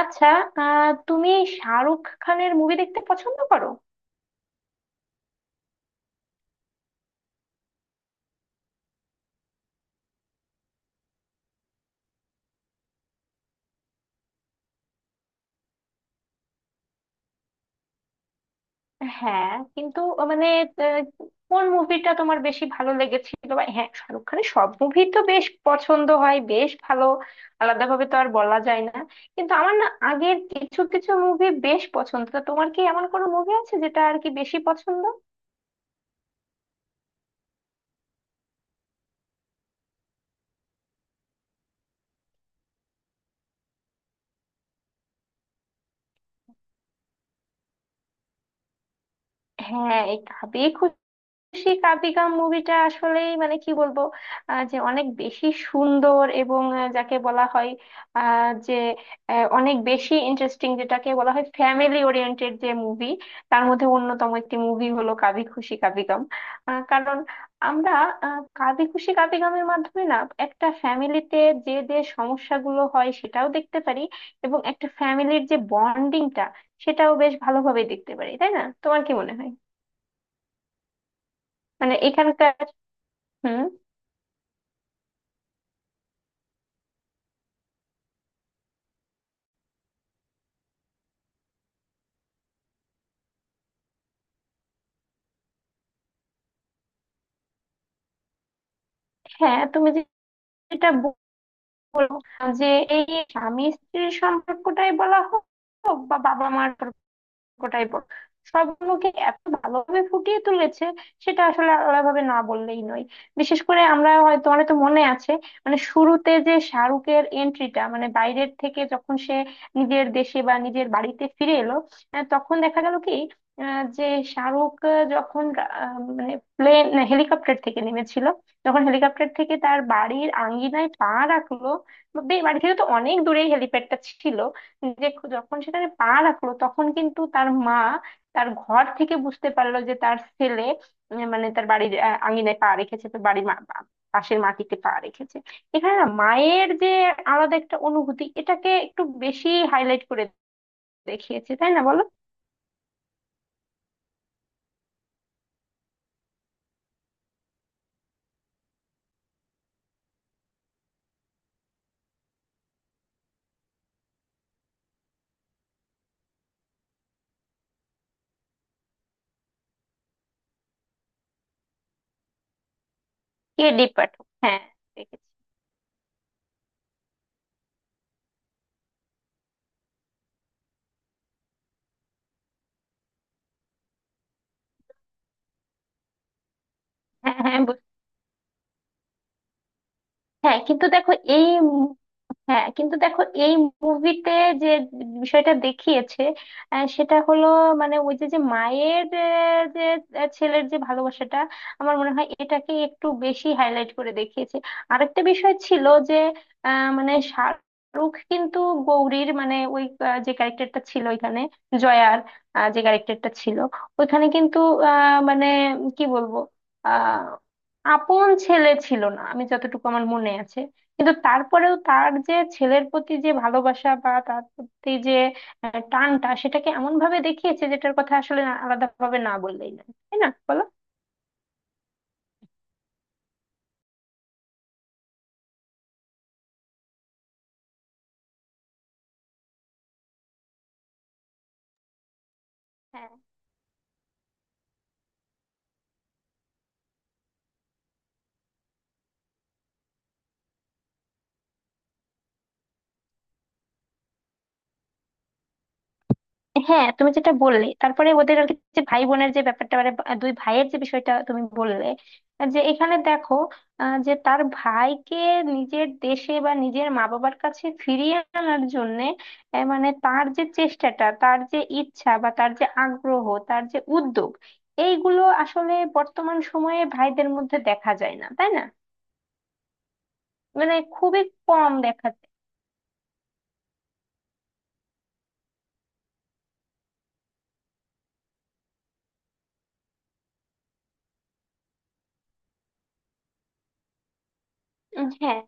আচ্ছা। তুমি শাহরুখ খানের মুভি দেখতে পছন্দ করো? হ্যাঁ, কিন্তু মানে আহ, কোন মুভিটা তোমার বেশি ভালো লেগেছিল? বা হ্যাঁ, শাহরুখ খানের সব মুভি তো বেশ পছন্দ হয়, বেশ ভালো। আলাদাভাবে তো আর বলা যায় না, কিন্তু আমার না আগের কিছু কিছু মুভি বেশ পছন্দ। তা তোমার কি এমন কোনো মুভি আছে যেটা আর কি বেশি পছন্দ? হ্যাঁ, এই কাবে সেই কাবিগাম মুভিটা আসলেই মানে কি বলবো, যে অনেক বেশি সুন্দর। এবং আহ, যাকে বলা হয় আহ, যে আহ, অনেক বেশি ইন্টারেস্টিং, যেটাকে বলা হয় ফ্যামিলি ওরিয়েন্টেড যে মুভি, তার মধ্যে অন্যতম একটি মুভি হলো কাবি খুশি কাবিগাম। কারণ আমরা কাবি খুশি কাবিগামের মাধ্যমে না একটা ফ্যামিলিতে যে যে সমস্যাগুলো হয় সেটাও দেখতে পারি, এবং একটা ফ্যামিলির যে বন্ডিংটা সেটাও বেশ ভালোভাবে দেখতে পারি। তাই না, তোমার কি মনে হয়? মানে এখানকার হুম। হ্যাঁ, তুমি যে- যেটা বলো যে এই স্বামী স্ত্রীর সম্পর্কটাই বলা হোক বা বাবা মার গোটাই বল, সবগুলোকে এত ভালোভাবে ফুটিয়ে তুলেছে, সেটা আসলে আলাদাভাবে না বললেই নয়। বিশেষ করে আমরা হয়তো, তোমার তো মনে আছে, মানে শুরুতে যে শাহরুখের এন্ট্রিটা, মানে বাইরের থেকে যখন সে নিজের দেশে বা নিজের বাড়িতে ফিরে এলো, তখন দেখা গেল কি আহ, যে শাহরুখ আহ, যখন আহ, মানে প্লেন হেলিকপ্টার থেকে নেমেছিল, যখন হেলিকপ্টার থেকে তার বাড়ির আঙ্গিনায় পা রাখলো। বা বাড়ি থেকে তো অনেক দূরেই হেলিপ্যাডটা ছিল, যখন সেখানে পা রাখলো তখন কিন্তু তার মা তার ঘর থেকে বুঝতে পারলো যে তার ছেলে মানে তার বাড়ির আঙিনায় পা রেখেছে। তো বাড়ির পাশের মাটিতে পা রেখেছে, এখানে না মায়ের যে আলাদা একটা অনুভূতি, এটাকে একটু বেশি হাইলাইট করে দেখিয়েছে। তাই না, বলো? কে ডি পাঠক, হ্যাঁ দেখেছি। হ্যাঁ হ্যাঁ বুঝ- হ্যাঁ, কিন্তু দেখো এই হ্যাঁ কিন্তু দেখো এই মুভিতে যে বিষয়টা দেখিয়েছে সেটা হলো মানে ওই যে যে মায়ের ছেলের যে ভালোবাসাটা, আমার মনে হয় এটাকে একটু বেশি হাইলাইট করে দেখিয়েছে। আরেকটা বিষয় ছিল যে, মানে শাহরুখ কিন্তু গৌরীর, মানে ওই যে ক্যারেক্টারটা ছিল ওইখানে, জয়ার যে ক্যারেক্টারটা ছিল ওইখানে, কিন্তু মানে কি বলবো, আহ আপন ছেলে ছিল না, আমি যতটুকু আমার মনে আছে। কিন্তু তারপরেও তার যে ছেলের প্রতি যে ভালোবাসা বা তার প্রতি যে টানটা, সেটাকে এমন ভাবে দেখিয়েছে যেটার কথা আসলে আলাদাভাবে না বললেই না। তাই না, বলো? হ্যাঁ, তুমি যেটা বললে, তারপরে ওদের আর কি যে ভাই বোনের যে ব্যাপারটা, মানে দুই ভাইয়ের যে বিষয়টা তুমি বললে, যে এখানে দেখো যে তার ভাইকে নিজের দেশে বা নিজের মা বাবার কাছে ফিরিয়ে আনার জন্য মানে তার যে চেষ্টাটা, তার যে ইচ্ছা বা তার যে আগ্রহ, তার যে উদ্যোগ, এইগুলো আসলে বর্তমান সময়ে ভাইদের মধ্যে দেখা যায় না, তাই না? মানে খুবই কম দেখা যায়। হ্যাঁ,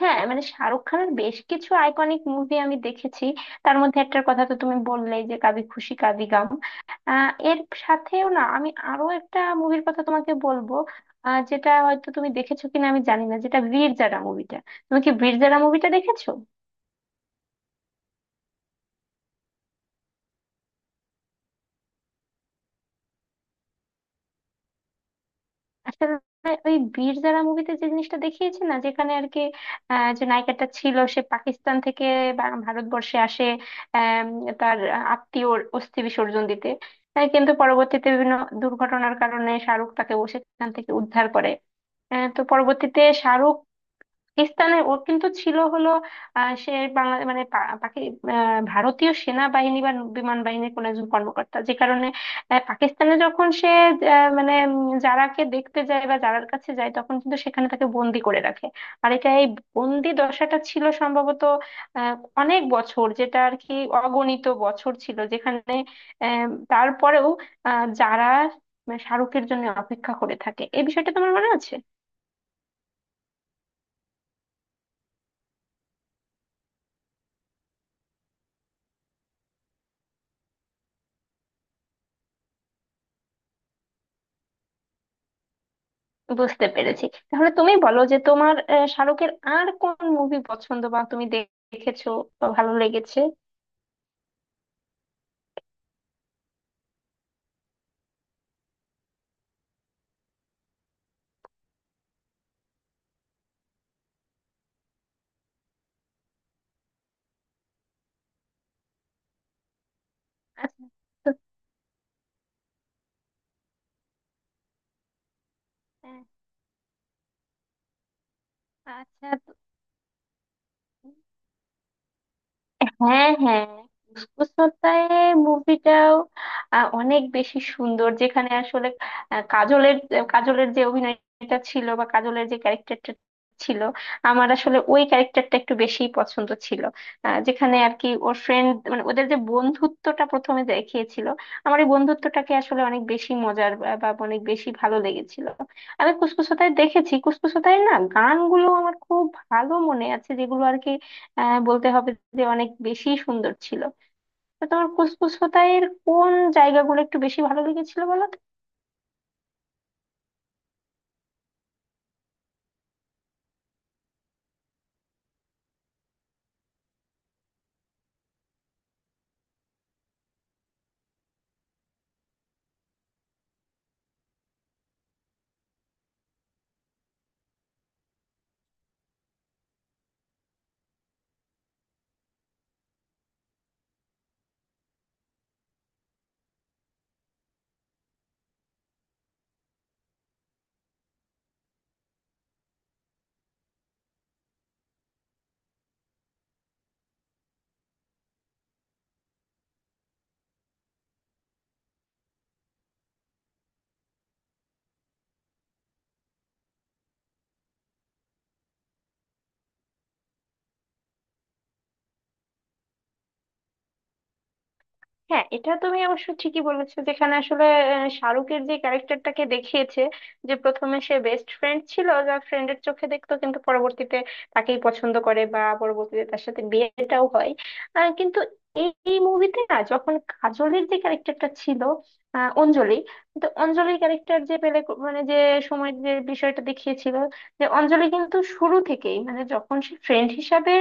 হ্যাঁ মানে শাহরুখ খানের বেশ কিছু আইকনিক মুভি আমি দেখেছি। তার মধ্যে একটার কথা তো তুমি বললেই, যে কাবি খুশি কাবি গাম। এর সাথেও না আমি আরো একটা মুভির কথা তোমাকে বলবো, যেটা হয়তো তুমি দেখেছো কিনা আমি জানি না, যেটা বীর জারা মুভিটা। তুমি কি বীর জারা মুভিটা দেখেছো? আসলে ওই বীর যারা মুভিতে যে জিনিসটা দেখিয়েছে না, যেখানে আর কি যে নায়িকাটা ছিল সে পাকিস্তান থেকে ভারতবর্ষে আসে আম, তার আত্মীয় অস্থি বিসর্জন দিতে। কিন্তু পরবর্তীতে বিভিন্ন দুর্ঘটনার কারণে শাহরুখ তাকে ও সেখান থেকে উদ্ধার করে। তো পরবর্তীতে শাহরুখ স্থানে ওর কিন্তু ছিল হলো সে বাংলা মানে ভারতীয় সেনাবাহিনী বা বিমান বাহিনীর কোন একজন কর্মকর্তা, যে কারণে পাকিস্তানে যখন সে যারাকে দেখতে যায় বা যারার কাছে যায়, তখন কিন্তু সেখানে তাকে বন্দি করে রাখে। আর এটা এই বন্দি দশাটা ছিল সম্ভবত আহ, অনেক বছর, যেটা আর কি অগণিত বছর ছিল, যেখানে আহ, তারপরেও যারা মানে শাহরুখের জন্য অপেক্ষা করে থাকে। এই বিষয়টা তোমার মনে আছে? বুঝতে পেরেছি। তাহলে তুমি বলো যে তোমার শাহরুখের আর কোন মুভি পছন্দ বা তুমি দেখেছো বা ভালো লেগেছে? আচ্ছা তো, আহ, আচ্ছা। হ্যাঁ, হ্যাঁ ফুসফুস হত্যায় মুভিটাও অনেক বেশি সুন্দর, যেখানে আসলে আহ, কাজলের কাজলের যে অভিনয়টা ছিল বা কাজলের যে ক্যারেক্টারটা ছিল, আমার আসলে ওই ক্যারেক্টারটা একটু বেশি পছন্দ ছিল। যেখানে আর কি ওর ফ্রেন্ড মানে ওদের যে বন্ধুত্বটা প্রথমে দেখিয়েছিল, আমার এই বন্ধুত্বটাকে আসলে অনেক বেশি মজার বা বা অনেক বেশি ভালো লেগেছিল। আমি কুসকুস হোতায় দেখেছি, কুসকুস হোতায় না গানগুলো আমার খুব ভালো মনে আছে, যেগুলো আর কি বলতে হবে যে অনেক বেশি সুন্দর ছিল। তো তোমার কুসকুস হোতাইয়ের কোন জায়গাগুলো একটু বেশি ভালো লেগেছিল, বলো তো? হ্যাঁ, এটা তুমি অবশ্য ঠিকই বলেছো, যেখানে আসলে শাহরুখের যে ক্যারেক্টারটাকে দেখিয়েছে, যে প্রথমে সে বেস্ট ফ্রেন্ড ছিল, যা ফ্রেন্ডের চোখে দেখতো কিন্তু পরবর্তীতে তাকেই পছন্দ করে বা পরবর্তীতে তার সাথে বিয়েটাও হয়। কিন্তু এই এই মুভিতে না যখন কাজলের যে ক্যারেক্টারটা ছিল, অঞ্জলি, তো অঞ্জলির ক্যারেক্টার যে পেলে মানে যে সময় যে বিষয়টা দেখিয়েছিল, যে অঞ্জলি কিন্তু শুরু থেকেই মানে যখন সে ফ্রেন্ড হিসাবে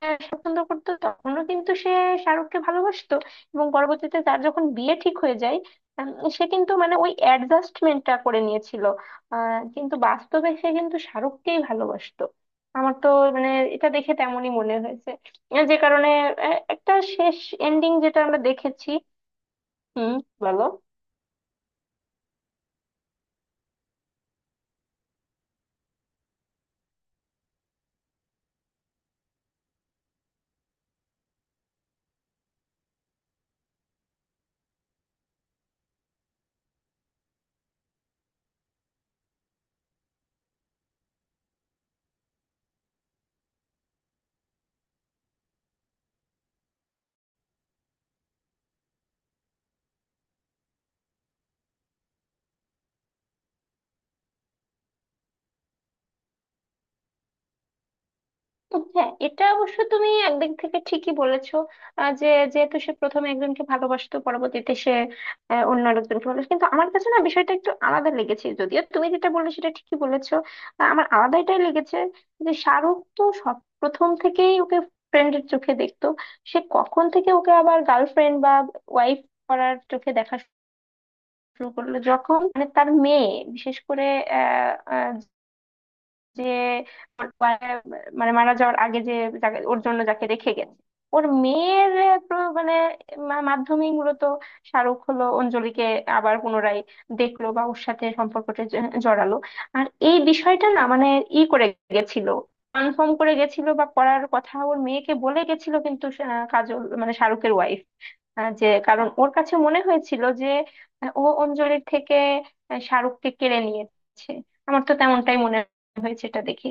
হ্যাঁ, পছন্দ করতো, তখনও কিন্তু সে শাহরুখকে ভালোবাসতো। এবং পরবর্তীতে তার যখন বিয়ে ঠিক হয়ে যায় উম, সে কিন্তু মানে ওই অ্যাডজাস্টমেন্টটা করে নিয়েছিল, কিন্তু বাস্তবে সে কিন্তু শাহরুখকেই ভালোবাসতো। আমার তো মানে এটা দেখে তেমনই মনে হয়েছে। যে কারণে একটা শেষ এন্ডিং যেটা আমরা দেখেছি। হুম, বলো। হ্যাঁ, এটা অবশ্য তুমি একদিক থেকে ঠিকই বলেছো যে যেহেতু সে প্রথমে একজনকে ভালোবাসতো, পরবর্তীতে সে অন্য আরেকজনকে ভালোবাসে। কিন্তু আমার কাছে না বিষয়টা একটু আলাদা লেগেছে, যদিও তুমি যেটা বললে সেটা ঠিকই বলেছো। আমার আলাদা এটাই লেগেছে যে শাহরুখ তো সব প্রথম থেকেই ওকে ফ্রেন্ডের চোখে দেখতো, সে কখন থেকে ওকে আবার গার্লফ্রেন্ড বা ওয়াইফ করার চোখে দেখা শুরু করলো, যখন মানে তার মেয়ে, বিশেষ করে যে ওর বা- মানে মারা যাওয়ার আগে যে ওর জন্য যাকে রেখে গেছে, ওর মেয়ের মানে মাধ্যমেই মূলত শাহরুখ হলো অঞ্জলিকে আবার পুনরায় দেখলো বা ওর সাথে সম্পর্কটা জড়ালো। আর এই বিষয়টা না মানে ই করে গেছিল, কনফার্ম করে গেছিল বা করার কথা ওর মেয়েকে বলে গেছিল, কাজল মানে শাহরুখের ওয়াইফ, যে কারণ ওর কাছে মনে হয়েছিল যে ও অঞ্জলির থেকে শাহরুখকে কেড়ে নিয়েছে। আমার তো তেমনটাই মনে হয়েছে এটা দেখে।